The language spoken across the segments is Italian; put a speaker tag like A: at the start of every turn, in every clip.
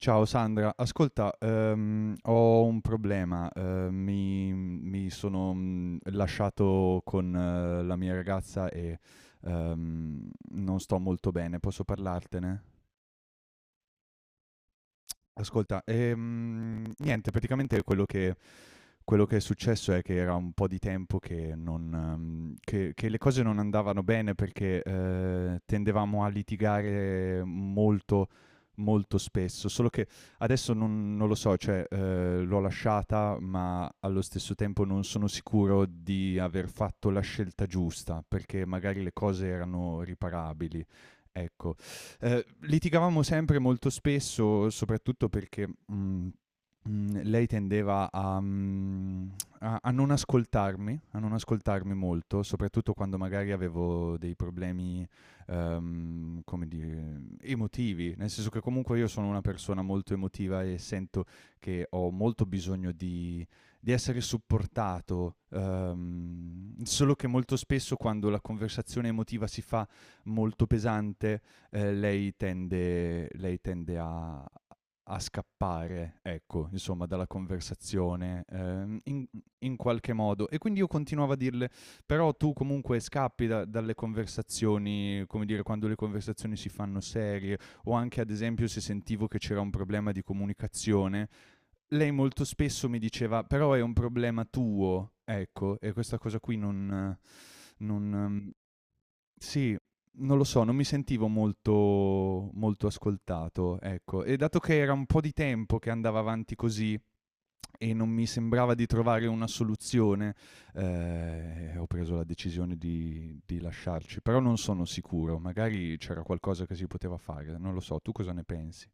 A: Ciao Sandra, ascolta, ho un problema, mi sono lasciato con la mia ragazza e non sto molto bene, posso parlartene? Ascolta, niente, praticamente quello che è successo è che era un po' di tempo che, non, che le cose non andavano bene perché tendevamo a litigare molto, molto spesso. Solo che adesso non lo so, cioè l'ho lasciata, ma allo stesso tempo non sono sicuro di aver fatto la scelta giusta perché magari le cose erano riparabili. Ecco. Litigavamo sempre molto spesso, soprattutto perché lei tendeva a non ascoltarmi, a non ascoltarmi molto, soprattutto quando magari avevo dei problemi, come dire, emotivi, nel senso che comunque io sono una persona molto emotiva e sento che ho molto bisogno di, essere supportato, solo che molto spesso quando la conversazione emotiva si fa molto pesante, lei tende a scappare, ecco, insomma, dalla conversazione, in qualche modo. E quindi io continuavo a dirle: "Però tu comunque scappi da dalle conversazioni, come dire, quando le conversazioni si fanno serie", o anche ad esempio se sentivo che c'era un problema di comunicazione, lei molto spesso mi diceva: "Però è un problema tuo", ecco, e questa cosa qui non non sì, non lo so, non mi sentivo molto molto ascoltato, ecco. E dato che era un po' di tempo che andava avanti così e non mi sembrava di trovare una soluzione, ho preso la decisione di lasciarci, però non sono sicuro, magari c'era qualcosa che si poteva fare, non lo so, tu cosa ne pensi?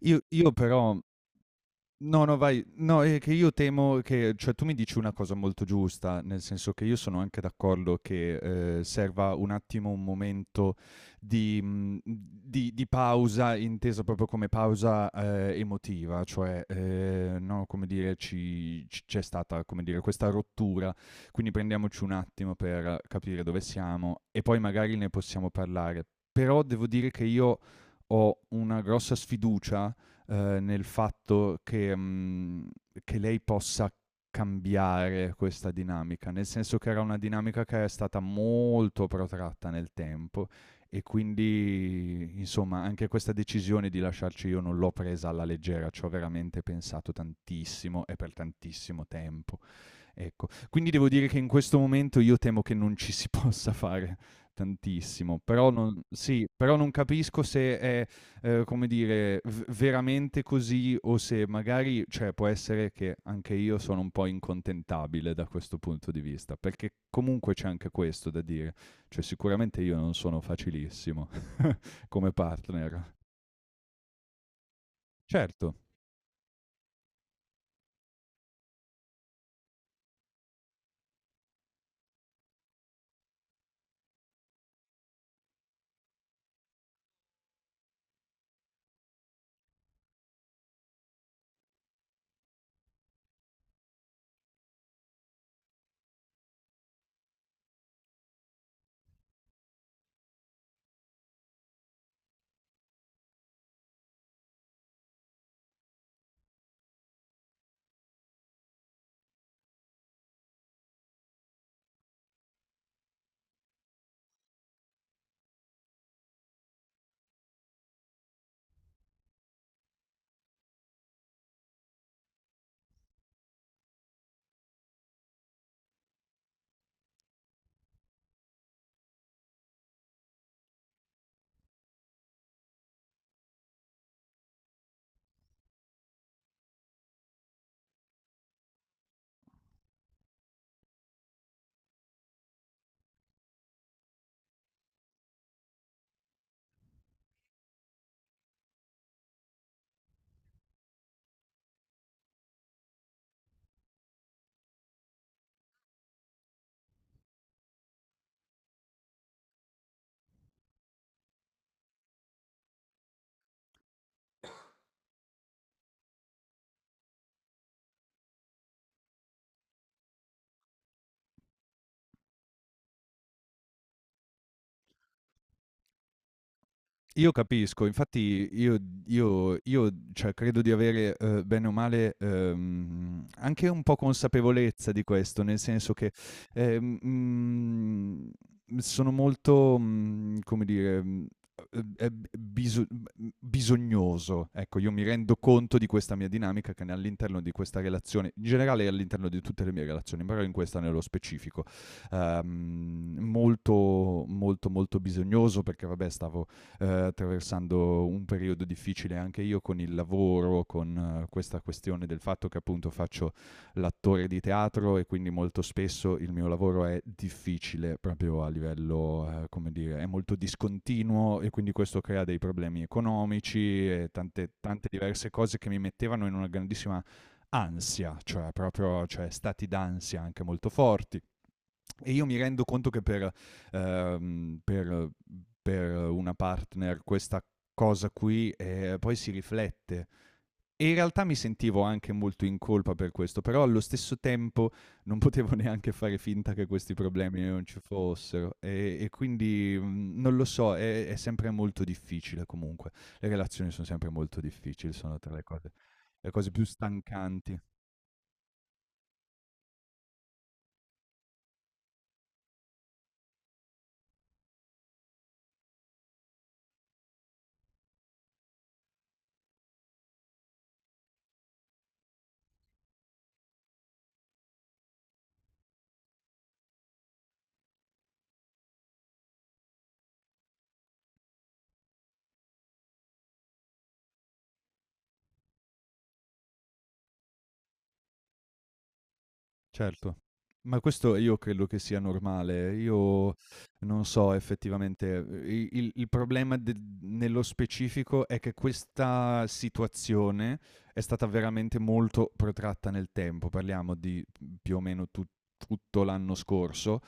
A: Io però No, no, vai. No, è che io temo che cioè tu mi dici una cosa molto giusta, nel senso che io sono anche d'accordo che, serva un attimo un momento di mhmm, di pausa, intesa proprio come pausa, emotiva, cioè, no, come dire ci c c'è stata, come dire, questa rottura, quindi prendiamoci un attimo per capire dove siamo e poi magari ne possiamo parlare. Però devo dire che io ho una grossa sfiducia nel fatto che, lei possa cambiare questa dinamica, nel senso che era una dinamica che è stata molto protratta nel tempo e quindi, insomma, anche questa decisione di lasciarci io non l'ho presa alla leggera, c'ho veramente pensato tantissimo e per tantissimo tempo. Ecco, quindi devo dire che in questo momento io temo che non ci si possa fare tantissimo, però non capisco se è, come dire, v veramente così o se magari cioè può essere che anche io sono un po' incontentabile da questo punto di vista, perché comunque c'è anche questo da dire, cioè sicuramente io non sono facilissimo come partner. Certo. Io capisco, infatti io, cioè credo di avere, bene o male, anche un po' consapevolezza di questo, nel senso che, ehm, mhmm, sono molto, come dire, mhmm, e b biso mhmm, bisognoso. Ecco, io mi rendo conto di questa mia dinamica che n all'interno di questa relazione, in generale all'interno di tutte le mie relazioni, però in questa nello specifico. Molto, molto, molto bisognoso perché vabbè stavo attraversando un periodo difficile anche io con il lavoro, con questa questione del fatto che appunto faccio l'attore di teatro e quindi molto spesso il mio lavoro è difficile proprio a livello, come dire, è molto discontinuo e quindi questo crea dei problemi economici e tante, tante diverse cose che mi mettevano in una grandissima ansia, cioè proprio, cioè stati d'ansia anche molto forti. E io mi rendo conto che ehm, per- per una partner questa cosa qui poi si riflette. E in realtà mi sentivo anche molto in colpa per questo, però allo stesso tempo non potevo neanche fare finta che questi problemi non ci fossero. E quindi non lo so, è sempre molto difficile comunque. Le relazioni sono sempre molto difficili, sono tra le cose, più stancanti. Certo. Ma questo io credo che sia normale. Io non so effettivamente, i il problema del nello specifico è che questa situazione è stata veramente molto protratta nel tempo. Parliamo di, più o meno tu tutto l'anno scorso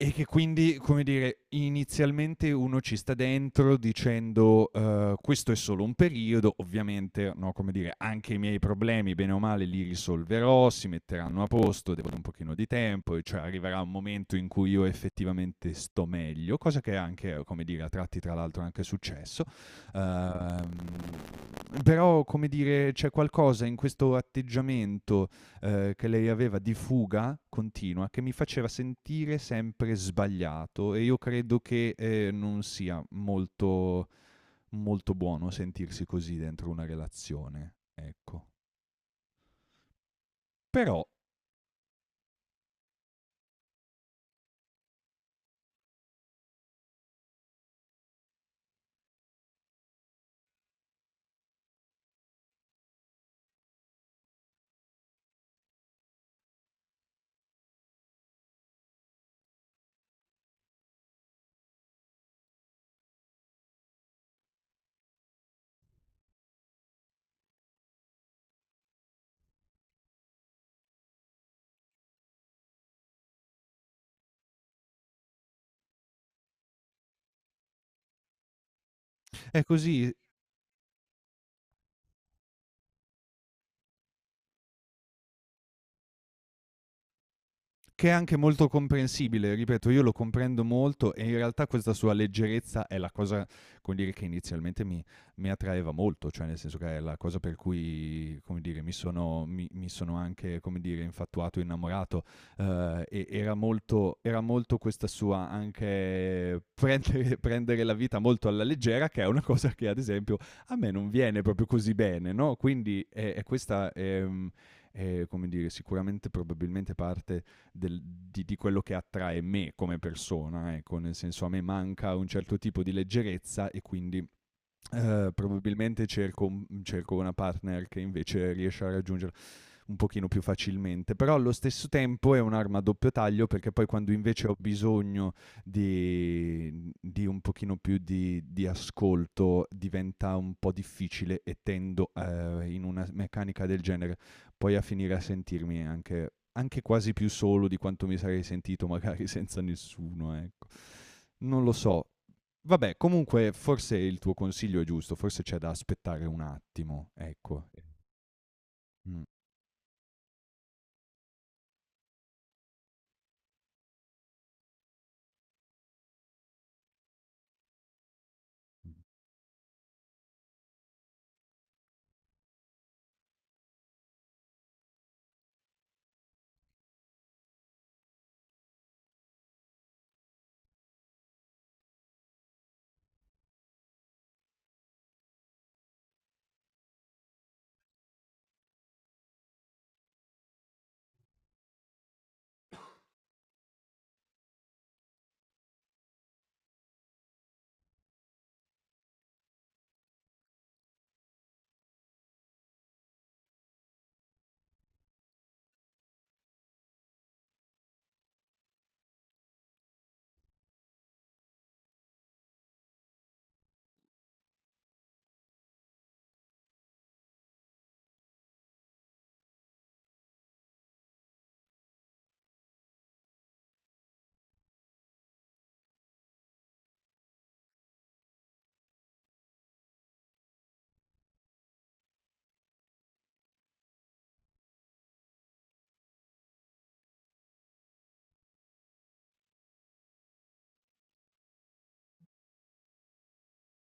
A: e che quindi, come dire, inizialmente uno ci sta dentro dicendo: "Questo è solo un periodo, ovviamente", no, come dire, "anche i miei problemi bene o male li risolverò, si metteranno a posto, devono un pochino di tempo e cioè arriverà un momento in cui io effettivamente sto meglio", cosa che è anche, come dire, a tratti tra l'altro è anche successo. Uhm, però, come dire, c'è qualcosa in questo atteggiamento, che lei aveva di fuga continua che mi faceva sentire sempre sbagliato e io credo che non sia molto, molto buono sentirsi così dentro una relazione. Ecco. Però è così. Che è anche molto comprensibile, ripeto, io lo comprendo molto e in realtà questa sua leggerezza è la cosa, come dire, che inizialmente mi attraeva molto, cioè nel senso che è la cosa per cui, come dire, mi sono anche, come dire, infatuato, innamorato. E era molto questa sua anche prendere, prendere la vita molto alla leggera, che è una cosa che ad esempio a me non viene proprio così bene, no? Quindi è questa. È, come dire, sicuramente probabilmente parte di quello che attrae me come persona, ecco, nel senso a me manca un certo tipo di leggerezza e quindi probabilmente cerco una partner che invece riesce a raggiungere un pochino più facilmente, però allo stesso tempo è un'arma a doppio taglio perché poi quando invece ho bisogno di, un pochino più di, ascolto diventa un po' difficile e tendo in una meccanica del genere poi a finire a sentirmi anche quasi più solo di quanto mi sarei sentito magari senza nessuno, ecco. Non lo so. Vabbè, comunque forse il tuo consiglio è giusto, forse c'è da aspettare un attimo, ecco. Mm.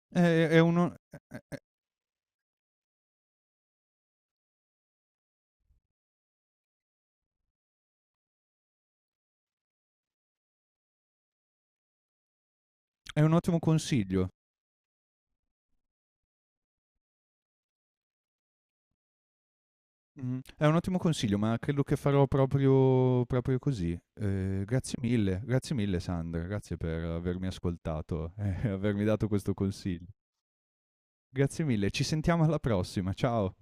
A: È, è uno. È un ottimo consiglio. Mh-mh. È un ottimo consiglio, ma credo che farò proprio proprio così. Grazie mille, grazie mille Sandra, grazie per avermi ascoltato e avermi dato questo consiglio. Grazie mille, ci sentiamo alla prossima, ciao.